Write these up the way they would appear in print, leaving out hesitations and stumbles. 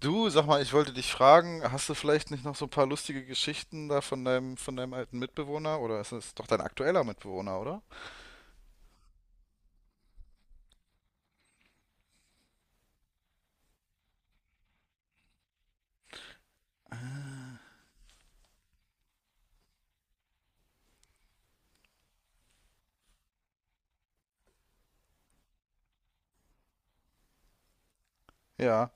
Du, sag mal, ich wollte dich fragen, hast du vielleicht nicht noch so ein paar lustige Geschichten da von deinem alten Mitbewohner? Oder ist es doch dein aktueller Mitbewohner, oder? Ja,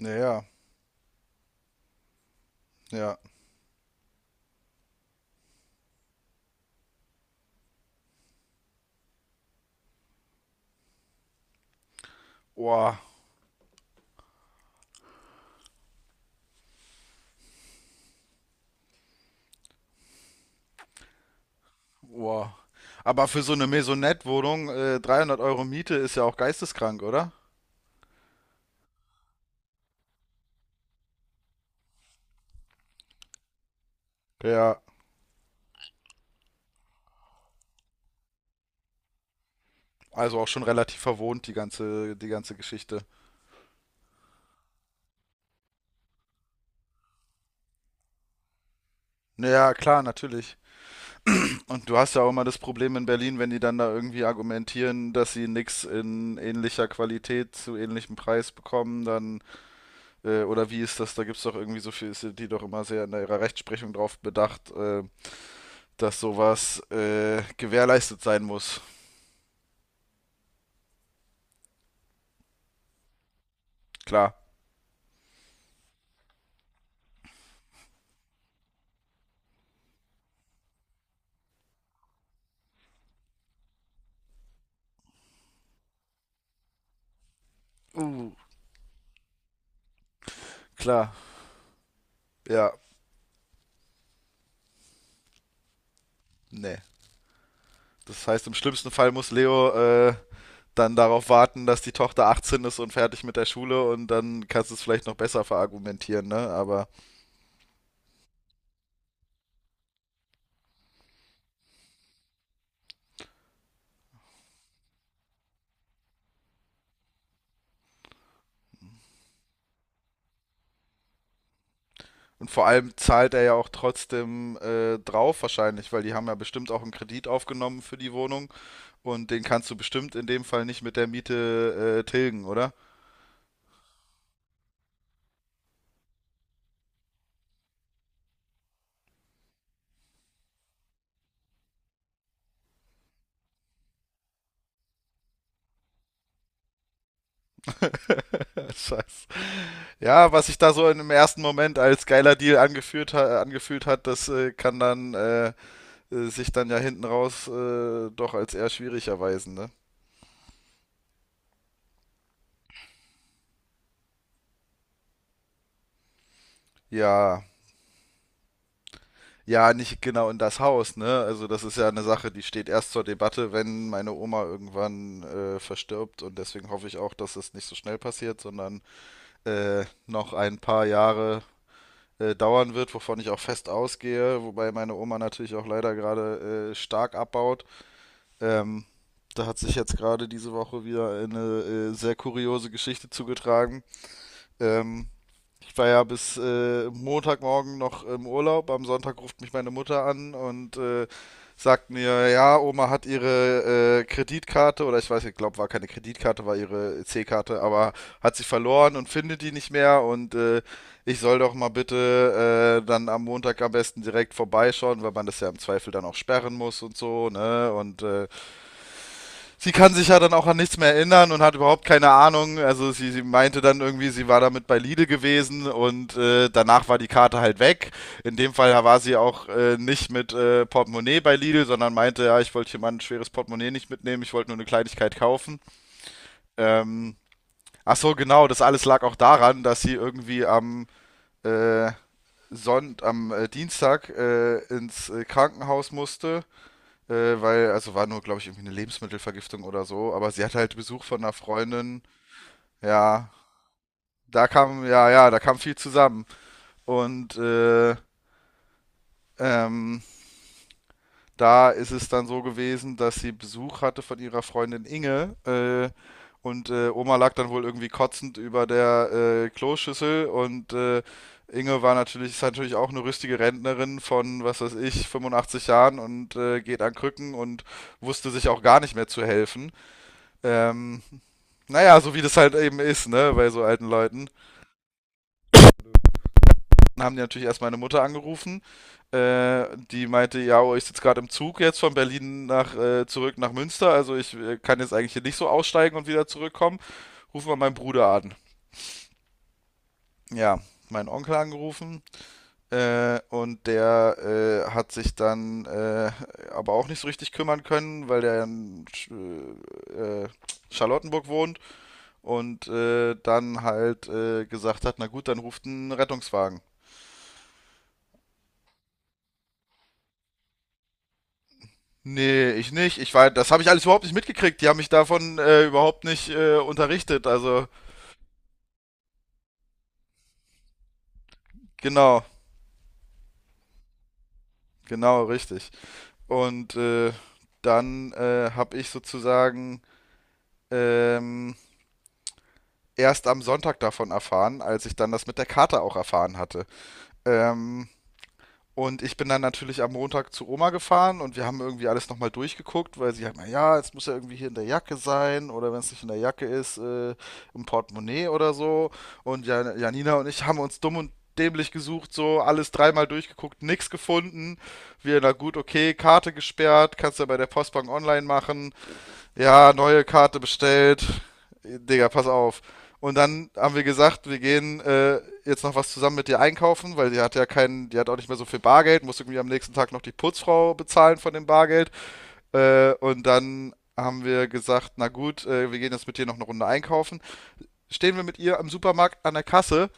naja, ja. Boah, boah. Aber für so eine Maisonette-Wohnung, 300 € Miete ist ja auch geisteskrank, oder? Ja, also auch schon relativ verwohnt, die ganze Geschichte. Naja, klar, natürlich. Und du hast ja auch immer das Problem in Berlin, wenn die dann da irgendwie argumentieren, dass sie nichts in ähnlicher Qualität zu ähnlichem Preis bekommen, dann... oder wie ist das? Da gibt es doch irgendwie so viel, sind die doch immer sehr in ihrer Rechtsprechung drauf bedacht, dass sowas gewährleistet sein muss. Klar. Uh, klar. Ja, nee. Das heißt, im schlimmsten Fall muss Leo dann darauf warten, dass die Tochter 18 ist und fertig mit der Schule, und dann kannst du es vielleicht noch besser verargumentieren, ne? Aber und vor allem zahlt er ja auch trotzdem drauf wahrscheinlich, weil die haben ja bestimmt auch einen Kredit aufgenommen für die Wohnung. Und den kannst du bestimmt in dem Fall nicht mit der Miete tilgen, oder? Scheiße. Ja, was sich da so im ersten Moment als geiler Deal angeführt ha angefühlt hat, das kann dann sich dann ja hinten raus doch als eher schwierig erweisen, ne? Ja. Ja, nicht genau in das Haus, ne? Also das ist ja eine Sache, die steht erst zur Debatte, wenn meine Oma irgendwann verstirbt. Und deswegen hoffe ich auch, dass es nicht so schnell passiert, sondern noch ein paar Jahre dauern wird, wovon ich auch fest ausgehe, wobei meine Oma natürlich auch leider gerade stark abbaut. Ähm, Da hat sich jetzt gerade diese Woche wieder eine sehr kuriose Geschichte zugetragen. Ähm, Ich war ja bis Montagmorgen noch im Urlaub. Am Sonntag ruft mich meine Mutter an und sagt mir: ja, Oma hat ihre Kreditkarte, oder ich weiß, ich glaube, war keine Kreditkarte, war ihre C-Karte, aber hat sie verloren und findet die nicht mehr, und ich soll doch mal bitte dann am Montag am besten direkt vorbeischauen, weil man das ja im Zweifel dann auch sperren muss und so, ne? Und sie kann sich ja dann auch an nichts mehr erinnern und hat überhaupt keine Ahnung. Also sie meinte dann irgendwie, sie war damit bei Lidl gewesen und danach war die Karte halt weg. In dem Fall war sie auch nicht mit Portemonnaie bei Lidl, sondern meinte: ja, ich wollte hier mal ein schweres Portemonnaie nicht mitnehmen, ich wollte nur eine Kleinigkeit kaufen. Ähm, ach so, genau, das alles lag auch daran, dass sie irgendwie am äh, Sonnt am Dienstag ins Krankenhaus musste, weil, also war nur, glaube ich, irgendwie eine Lebensmittelvergiftung oder so, aber sie hatte halt Besuch von einer Freundin. Ja, ja, ja, da kam viel zusammen. Und ähm, da ist es dann so gewesen, dass sie Besuch hatte von ihrer Freundin Inge. Und Oma lag dann wohl irgendwie kotzend über der Kloschüssel, und ist natürlich auch eine rüstige Rentnerin von, was weiß ich, 85 Jahren und geht an Krücken und wusste sich auch gar nicht mehr zu helfen. Ähm, Naja, so wie das halt eben ist, ne, bei so alten Leuten. Dann haben die natürlich erst meine Mutter angerufen. Die meinte: ja, oh, ich sitze gerade im Zug jetzt von Berlin nach, zurück nach Münster. Also ich kann jetzt eigentlich hier nicht so aussteigen und wieder zurückkommen. Ruf mal meinen Bruder an. Ja, meinen Onkel angerufen. Und der hat sich dann aber auch nicht so richtig kümmern können, weil der in Sch Charlottenburg wohnt und dann halt gesagt hat: na gut, dann ruft ein Rettungswagen. Nee, ich nicht. Ich war, das habe ich alles überhaupt nicht mitgekriegt. Die haben mich davon überhaupt nicht unterrichtet. Also genau, genau, richtig. Und dann habe ich sozusagen ähm, erst am Sonntag davon erfahren, als ich dann das mit der Karte auch erfahren hatte. Ähm, Und ich bin dann natürlich am Montag zu Oma gefahren, und wir haben irgendwie alles nochmal durchgeguckt, weil sie halt mal, ja, es muss ja irgendwie hier in der Jacke sein, oder wenn es nicht in der Jacke ist, im Portemonnaie oder so. Und Janina und ich haben uns dumm und dämlich gesucht, so alles dreimal durchgeguckt, nichts gefunden. Na gut, okay, Karte gesperrt, kannst du ja bei der Postbank online machen, ja, neue Karte bestellt. Digga, pass auf. Und dann haben wir gesagt, wir gehen jetzt noch was zusammen mit dir einkaufen, weil die hat ja keinen, die hat auch nicht mehr so viel Bargeld, muss irgendwie am nächsten Tag noch die Putzfrau bezahlen von dem Bargeld. Und dann haben wir gesagt: na gut, wir gehen jetzt mit dir noch eine Runde einkaufen. Stehen wir mit ihr am Supermarkt an der Kasse,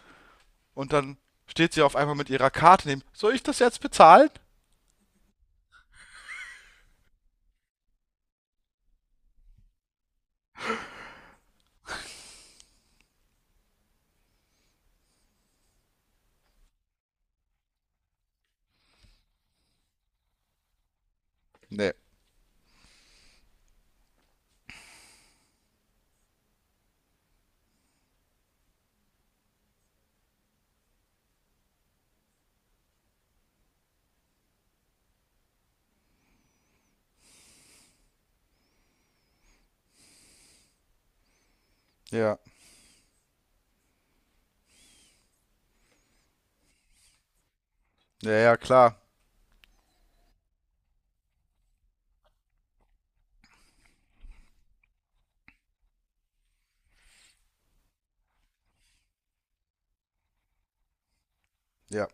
und dann steht sie auf einmal mit ihrer Karte neben. Soll ich das jetzt bezahlen? Nee. Ja. Ja, ja, klar. Ja.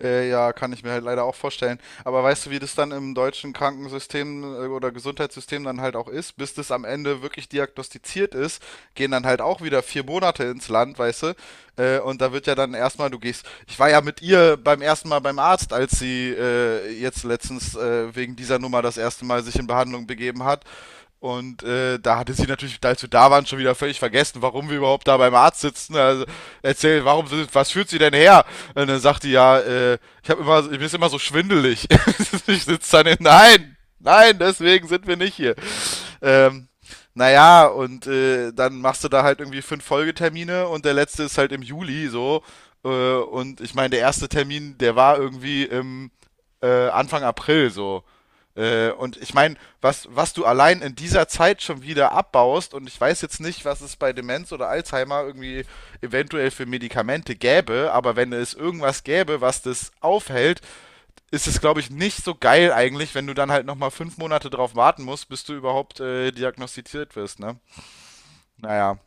Ja, kann ich mir halt leider auch vorstellen. Aber weißt du, wie das dann im deutschen Krankensystem oder Gesundheitssystem dann halt auch ist? Bis das am Ende wirklich diagnostiziert ist, gehen dann halt auch wieder 4 Monate ins Land, weißt du? Und da wird ja dann erstmal, du gehst. Ich war ja mit ihr beim ersten Mal beim Arzt, als sie jetzt letztens wegen dieser Nummer das erste Mal sich in Behandlung begeben hat. Und da hatte sie natürlich, als wir da waren, schon wieder völlig vergessen, warum wir überhaupt da beim Arzt sitzen. Also erzähl, was führt sie denn her? Und dann sagt die ja, ich habe immer, mir ist immer so schwindelig. Ich sitze dann in, nein, nein, deswegen sind wir nicht hier. Ähm, naja, und dann machst du da halt irgendwie 5 Folgetermine, und der letzte ist halt im Juli so. Äh, und ich meine, der erste Termin, der war irgendwie im Anfang April so. Und ich meine, was du allein in dieser Zeit schon wieder abbaust, und ich weiß jetzt nicht, was es bei Demenz oder Alzheimer irgendwie eventuell für Medikamente gäbe, aber wenn es irgendwas gäbe, was das aufhält, ist es, glaube ich, nicht so geil eigentlich, wenn du dann halt nochmal 5 Monate drauf warten musst, bis du überhaupt diagnostiziert wirst, ne? Naja,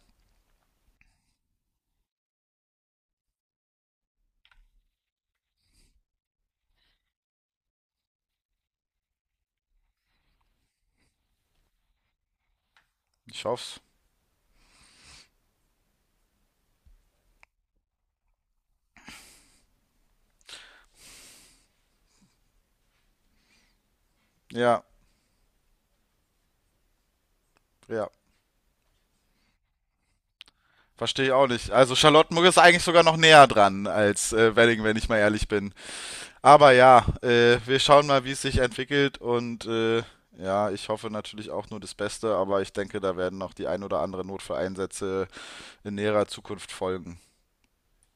ich hoff's. Ja, ja. Verstehe ich auch nicht. Also Charlottenburg ist eigentlich sogar noch näher dran als Welling, wenn ich mal ehrlich bin. Aber ja, wir schauen mal, wie es sich entwickelt, und ja, ich hoffe natürlich auch nur das Beste, aber ich denke, da werden noch die ein oder andere Notfalleinsätze in näherer Zukunft folgen.